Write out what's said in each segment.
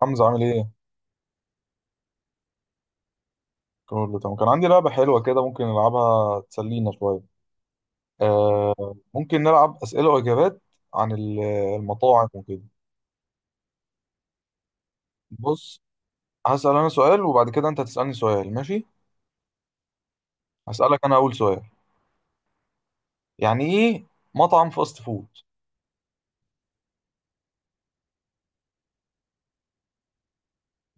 حمزة عامل ايه؟ كله تمام، كان عندي لعبة حلوة كده، ممكن نلعبها تسلينا شوية. آه ممكن نلعب أسئلة وإجابات عن المطاعم وكده. بص، هسأل أنا سؤال، وبعد كده أنت هتسألني سؤال، ماشي؟ هسألك أنا أول سؤال. يعني ايه مطعم فاست فود؟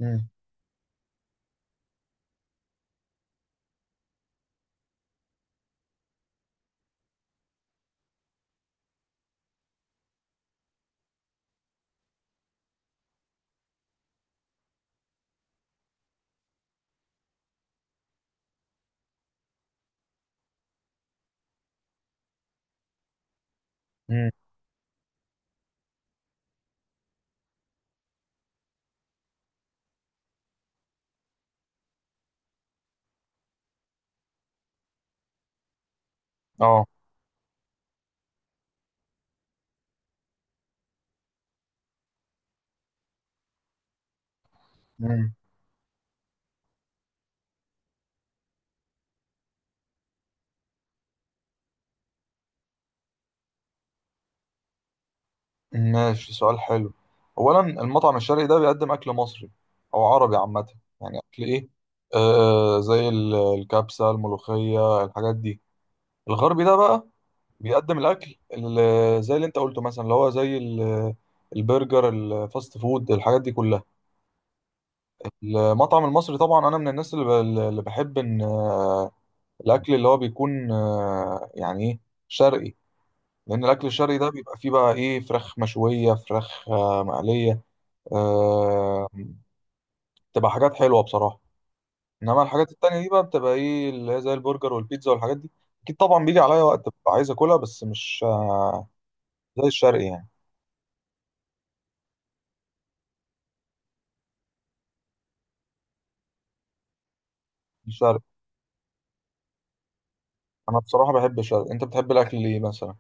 مم. مم. اه. مم. ماشي، سؤال حلو. أولا، المطعم الشرقي ده بيقدم أكل مصري أو عربي عامة. يعني أكل ايه؟ زي الكبسة، الملوخية، الحاجات دي. الغربي ده بقى، بيقدم الاكل زي اللي انت قلته مثلا، اللي هو زي البرجر، الفاست فود، الحاجات دي كلها. المطعم المصري، طبعا انا من الناس اللي بحب ان الاكل اللي هو بيكون، يعني ايه، شرقي. لان الاكل الشرقي ده بيبقى فيه بقى ايه، فراخ مشويه، فراخ مقليه. آه، بتبقى حاجات حلوه بصراحه. انما الحاجات التانية دي بقى بتبقى ايه، اللي هي زي البرجر والبيتزا والحاجات دي. اكيد طبعا، بيجي عليا وقت ببقى عايز اكلها، بس مش زي الشرقي يعني. الشرقي. انا بصراحه بحب الشرق. انت بتحب الاكل ليه مثلا؟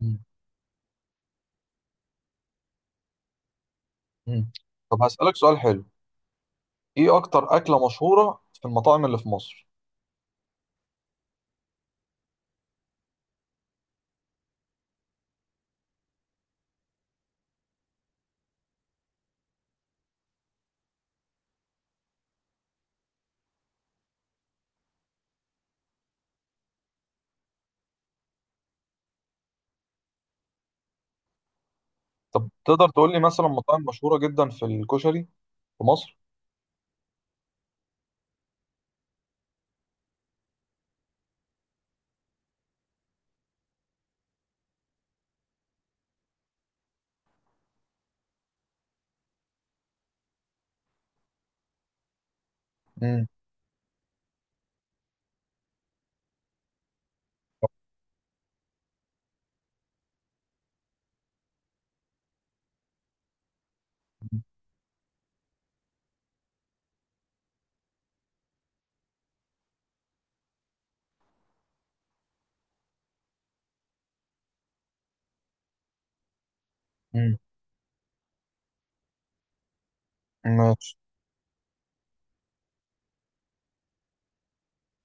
مم. مم. طب، هسالك سؤال حلو. ايه اكتر اكله مشهوره في المطاعم اللي في مصر؟ طب، تقدر تقول لي مثلا مطاعم مشهوره جدا في الكشري في مصر؟ مم. مم. ماشي.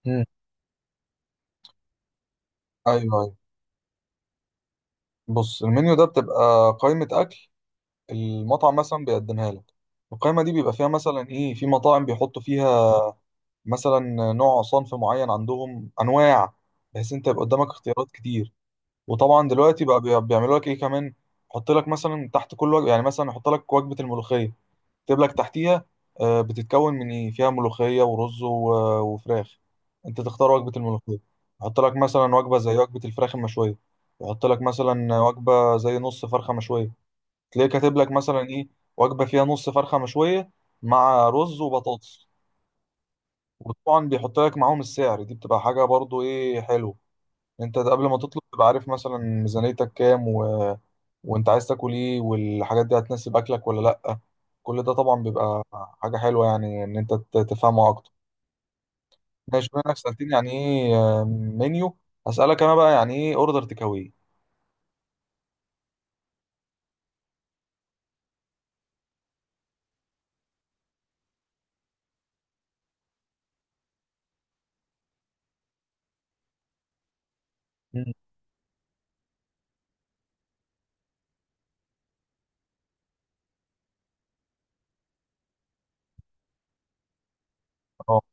مم. ايوه، ايوه، بص، المنيو ده بتبقى قائمه اكل. المطعم مثلا بيقدمها لك. القائمه دي بيبقى فيها مثلا ايه، في مطاعم بيحطوا فيها مثلا نوع صنف معين، عندهم انواع بحيث انت يبقى قدامك اختيارات كتير. وطبعا دلوقتي بقى بيعملوا لك ايه كمان. يحط لك مثلا تحت كل وجبه، يعني مثلا يحط لك وجبه الملوخيه، يكتب لك تحتيها بتتكون من ايه، فيها ملوخيه ورز وفراخ. انت تختار وجبه الملوخيه، يحط لك مثلا وجبه زي وجبه الفراخ المشويه. يحط لك مثلا وجبه زي نص فرخه مشويه. تلاقيه كاتب لك مثلا ايه، وجبه فيها نص فرخه مشويه مع رز وبطاطس. وطبعا بيحط لك معاهم السعر. دي بتبقى حاجه برضو ايه حلوه. انت قبل ما تطلب تبقى عارف مثلا ميزانيتك كام وانت عايز تاكل ايه، والحاجات دي هتناسب اكلك ولا لا. كل ده طبعا بيبقى حاجة حلوة، يعني ان انت تفهمه اكتر. ماشي، بما انك سألتني يعني ايه منيو، هسألك انا بقى يعني ايه اوردر تكاوي؟ اه.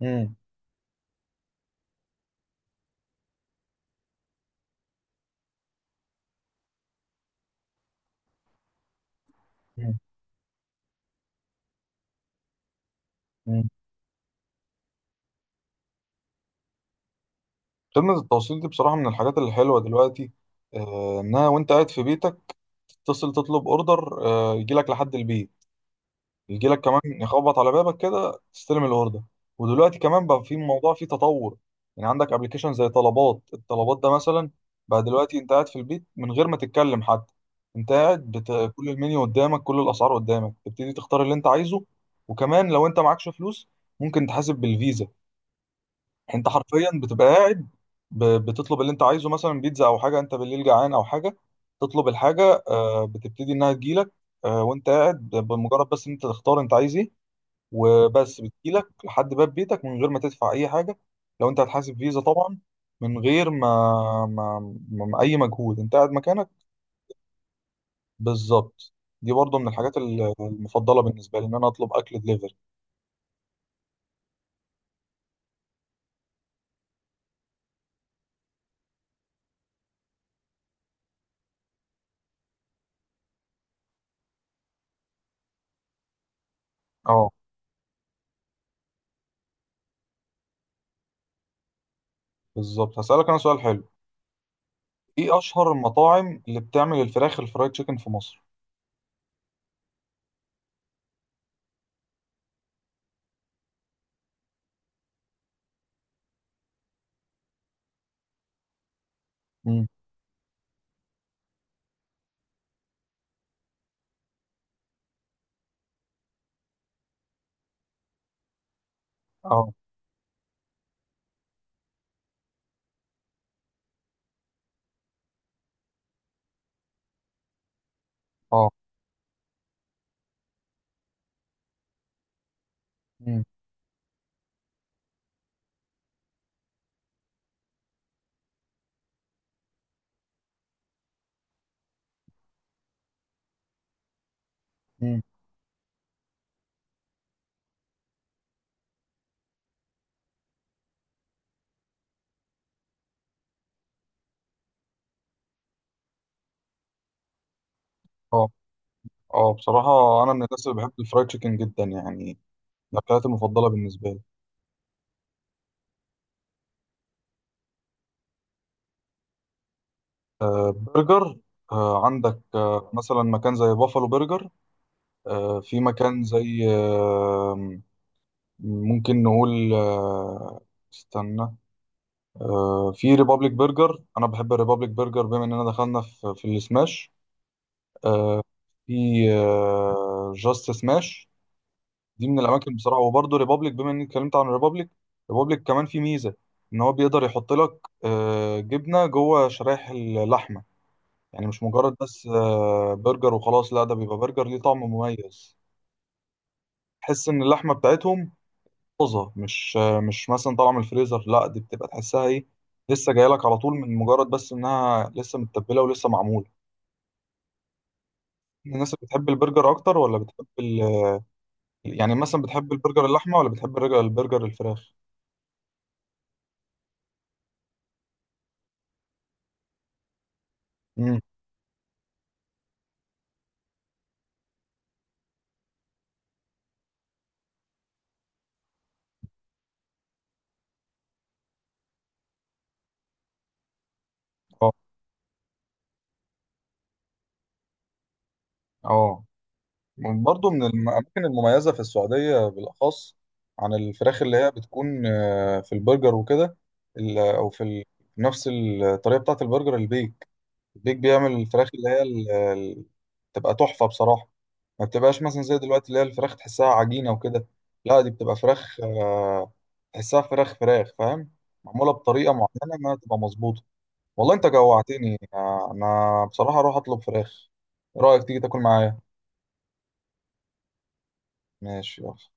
مم. مم. مم. خدمة التوصيل دي بصراحة من الحاجات الحلوة دلوقتي. انها وانت قاعد في بيتك تتصل تطلب اوردر يجي لك لحد البيت. يجي لك كمان يخبط على بابك كده تستلم الاوردر. ودلوقتي كمان بقى في موضوع فيه تطور، يعني عندك ابلكيشن زي طلبات. الطلبات ده مثلا بقى دلوقتي، انت قاعد في البيت من غير ما تتكلم حتى. انت قاعد، كل المنيو قدامك، كل الاسعار قدامك، تبتدي تختار اللي انت عايزه. وكمان لو انت معكش فلوس ممكن تحاسب بالفيزا. يعني انت حرفيا بتبقى قاعد، بتطلب اللي انت عايزه، مثلا بيتزا او حاجه، انت بالليل جعان او حاجه تطلب الحاجه، بتبتدي انها تجيلك. وانت قاعد، بمجرد بس ان انت تختار انت عايز ايه. وبس بتجيلك لحد باب بيتك من غير ما تدفع اي حاجه لو انت هتحاسب فيزا طبعا. من غير ما اي مجهود، انت قاعد مكانك. بالظبط. دي برضو من الحاجات المفضله بالنسبه لي، ان انا اطلب اكل دليفري. اه. بالظبط، هسالك انا سؤال حلو. ايه اشهر المطاعم اللي بتعمل الفراخ الفرايد تشيكن في مصر؟ امم. اه. اه. امم. امم. اه. اه، بصراحه انا من الناس اللي بحب الفرايد تشيكن جدا يعني. من الاكلات المفضله بالنسبه لي. برجر. عندك مثلا مكان زي بافالو برجر. في مكان زي، ممكن نقول، استنى. في ريبابليك برجر. انا بحب الريبابليك برجر بما اننا دخلنا في السماش، في جاست سماش. دي من الاماكن بصراحه، وبرضه ريبابليك بما اني اتكلمت عن ريبابليك. ريبابليك كمان في ميزه ان هو بيقدر يحط لك جبنه جوه شرايح اللحمه. يعني مش مجرد بس برجر وخلاص، لا ده بيبقى برجر ليه طعم مميز. تحس ان اللحمه بتاعتهم طازه، مش مثلا طالعه من الفريزر. لا دي بتبقى تحسها ايه، لسه جايه لك على طول، من مجرد بس انها لسه متبله ولسه معموله. الناس اللي بتحب البرجر اكتر ولا بتحب يعني مثلا بتحب البرجر اللحمه ولا بتحب البرجر الفراخ؟ امم. اه. اه. برضو من الأماكن المميزة في السعودية بالأخص، عن الفراخ اللي هي بتكون في البرجر وكده. أو في نفس الطريقة بتاعة البرجر، البيك. البيك بيعمل الفراخ اللي هي، بتبقى تحفة بصراحة. ما بتبقاش مثلا زي دلوقتي اللي هي الفراخ تحسها عجينة وكده. لا دي بتبقى فراخ، تحسها فراخ فراخ، فاهم. معمولة بطريقة معينة، ما تبقى مظبوطة. والله أنت جوعتني. أنا بصراحة أروح أطلب فراخ. إيه رأيك تيجي تاكل معايا؟ ماشي، يلا.